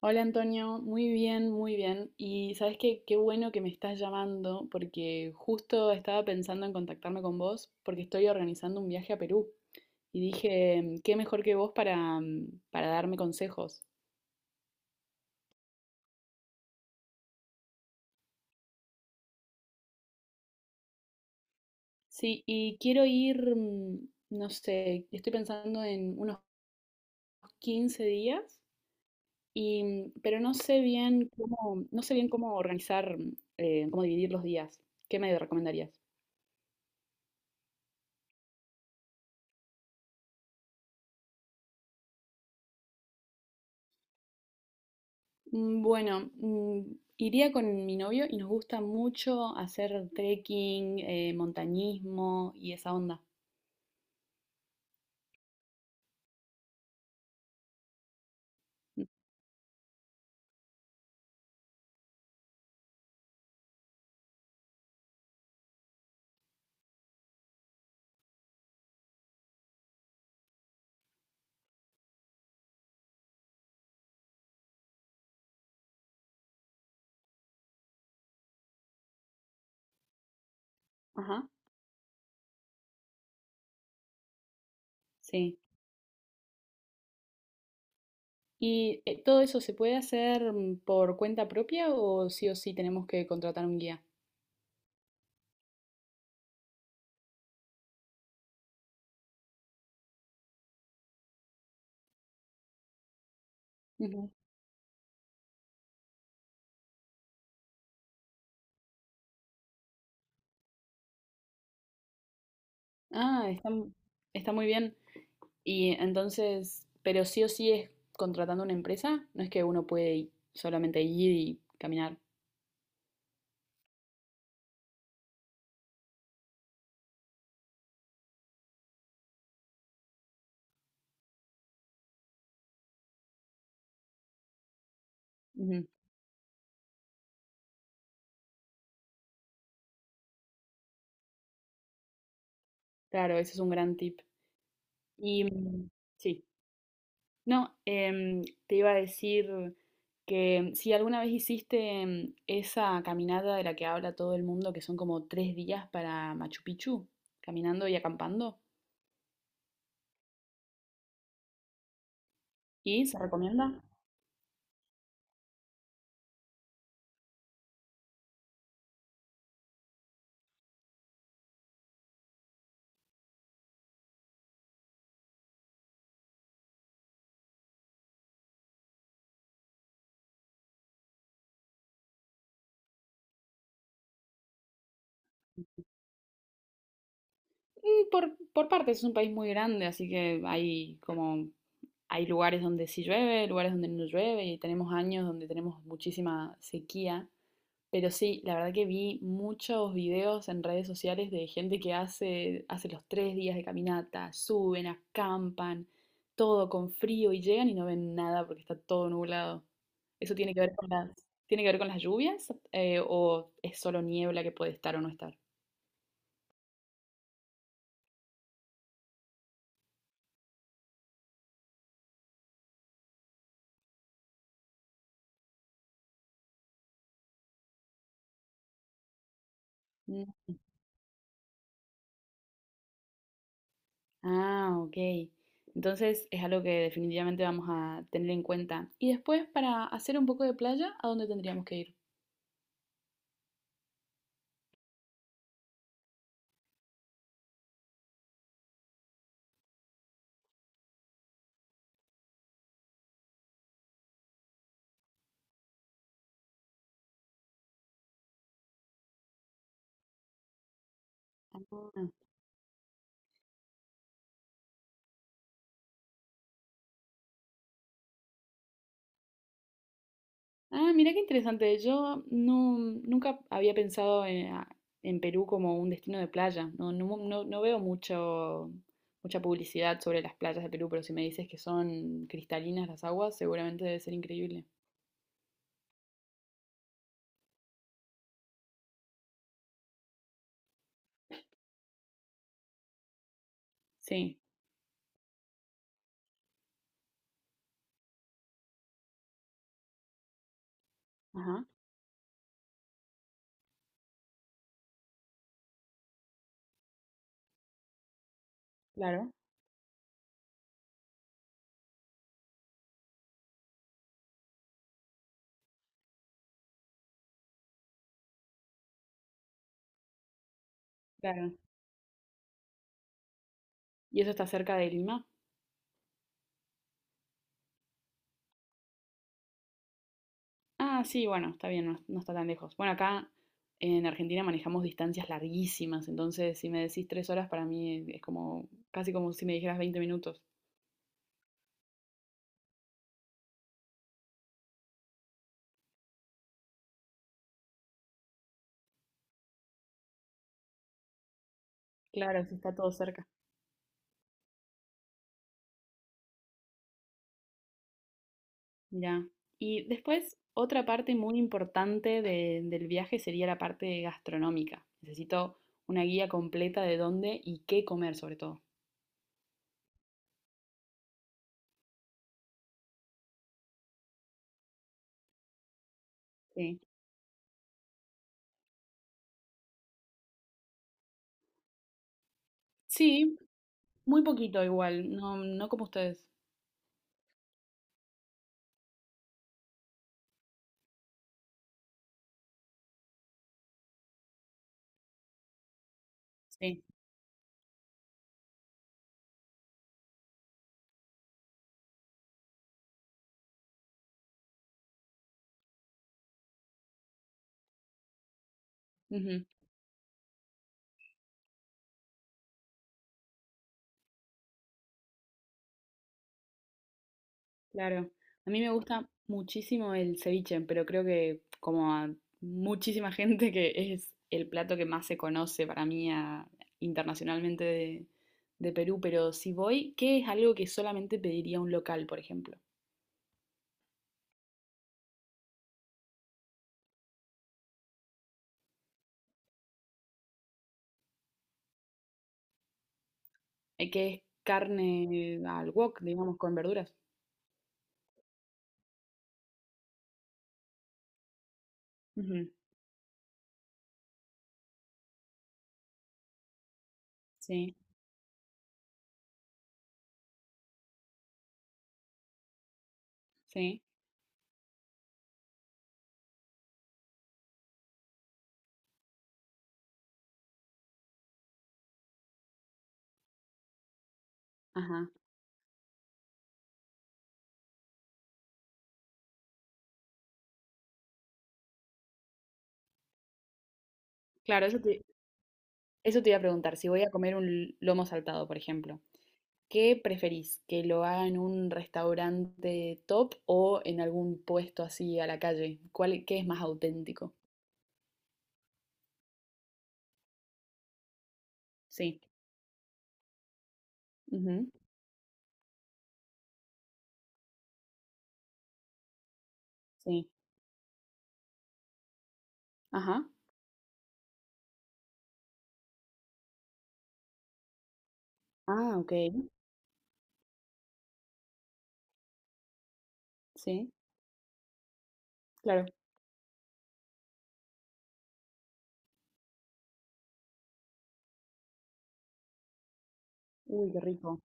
Hola Antonio, muy bien, muy bien. Y sabes qué, qué bueno que me estás llamando porque justo estaba pensando en contactarme con vos porque estoy organizando un viaje a Perú y dije, qué mejor que vos para darme consejos. Sí, y quiero ir, no sé, estoy pensando en unos 15 días y, pero no sé bien cómo organizar, cómo dividir los días. ¿Qué me recomendarías? Bueno, iría con mi novio y nos gusta mucho hacer trekking, montañismo y esa onda. Ajá, sí. ¿Y todo eso se puede hacer por cuenta propia o sí tenemos que contratar un guía? Ujú. Ah, está muy bien. Y entonces, pero sí o sí es contratando una empresa, no es que uno puede solamente ir y caminar. Ujú. Claro, ese es un gran tip. Y sí. No, te iba a decir que si alguna vez hiciste esa caminata de la que habla todo el mundo, que son como 3 días para Machu Picchu, caminando y acampando, ¿y se recomienda? Y por partes, es un país muy grande, así que hay como hay lugares donde sí llueve, lugares donde no llueve, y tenemos años donde tenemos muchísima sequía. Pero sí, la verdad que vi muchos videos en redes sociales de gente que hace los 3 días de caminata, suben, acampan, todo con frío y llegan y no ven nada porque está todo nublado. ¿Eso tiene que ver con las lluvias? ¿O es solo niebla que puede estar o no estar? Mm. Ah, ok. Entonces es algo que definitivamente vamos a tener en cuenta. Y después, para hacer un poco de playa, ¿a dónde tendríamos que ir? Ah. Ah, mira qué interesante. Yo no, nunca había pensado en Perú como un destino de playa. No, no, no veo mucho, mucha publicidad sobre las playas de Perú, pero si me dices que son cristalinas las aguas, seguramente debe ser increíble. Sí, ajá, claro, claro. ¿Y eso está cerca de Lima? Ah, sí, bueno, está bien, no, no está tan lejos. Bueno, acá en Argentina manejamos distancias larguísimas, entonces si me decís 3 horas, para mí es como casi como si me dijeras 20 minutos. Claro, si está todo cerca. Ya. Y después, otra parte muy importante del viaje sería la parte gastronómica. Necesito una guía completa de dónde y qué comer, sobre todo. Sí. Sí, muy poquito igual, no, no como ustedes. Sí, ujú, claro. A mí me gusta muchísimo el ceviche, pero creo que como a muchísima gente que es el plato que más se conoce para mí internacionalmente de Perú, pero si voy, ¿qué es algo que solamente pediría un local, por ejemplo? Eh, que es carne al wok, digamos, con verduras. Ujú, sí, sí, ajá. Claro, eso te iba a preguntar. Si voy a comer un lomo saltado, por ejemplo, ¿qué preferís? ¿Que lo haga en un restaurante top o en algún puesto así a la calle? ¿Cuál, qué es más auténtico? Sí. Ujú, sí. Ajá. Ah, ok. Sí, claro. Uy, qué rico.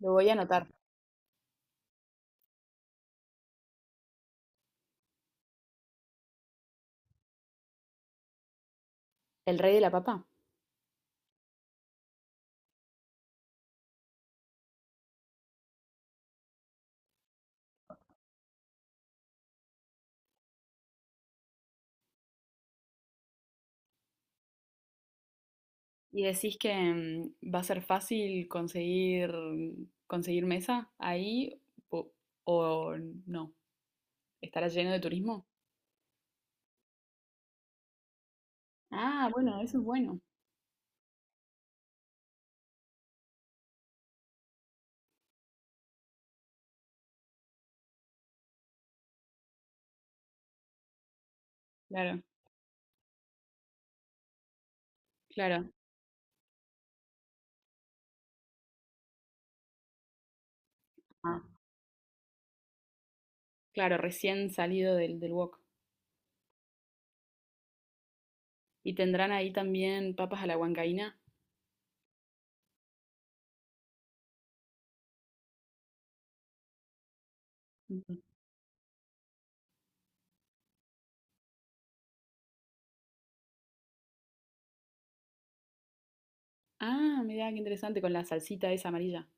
Lo voy a anotar. ¿El rey de la papa? ¿Y decís que va a ser fácil conseguir mesa ahí o, o no? ¿Estará lleno de turismo? Ah, bueno, eso es bueno. Claro, claro. Ah, claro, recién salido del wok. ¿Y tendrán ahí también papas a la huancaína? Ujú. Ah, mirá, qué interesante, con la salsita esa amarilla.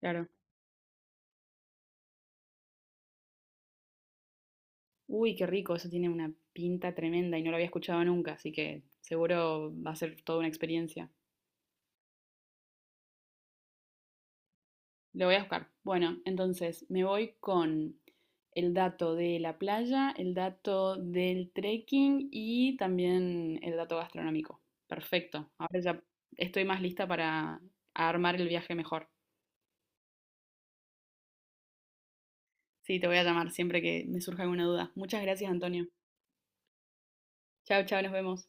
Claro. Uy, qué rico, eso tiene una pinta tremenda y no lo había escuchado nunca, así que seguro va a ser toda una experiencia. Lo voy a buscar. Bueno, entonces me voy con el dato de la playa, el dato del trekking y también el dato gastronómico. Perfecto. Ahora ya estoy más lista para armar el viaje mejor. Sí, te voy a llamar siempre que me surja alguna duda. Muchas gracias, Antonio. Chao, chao, nos vemos.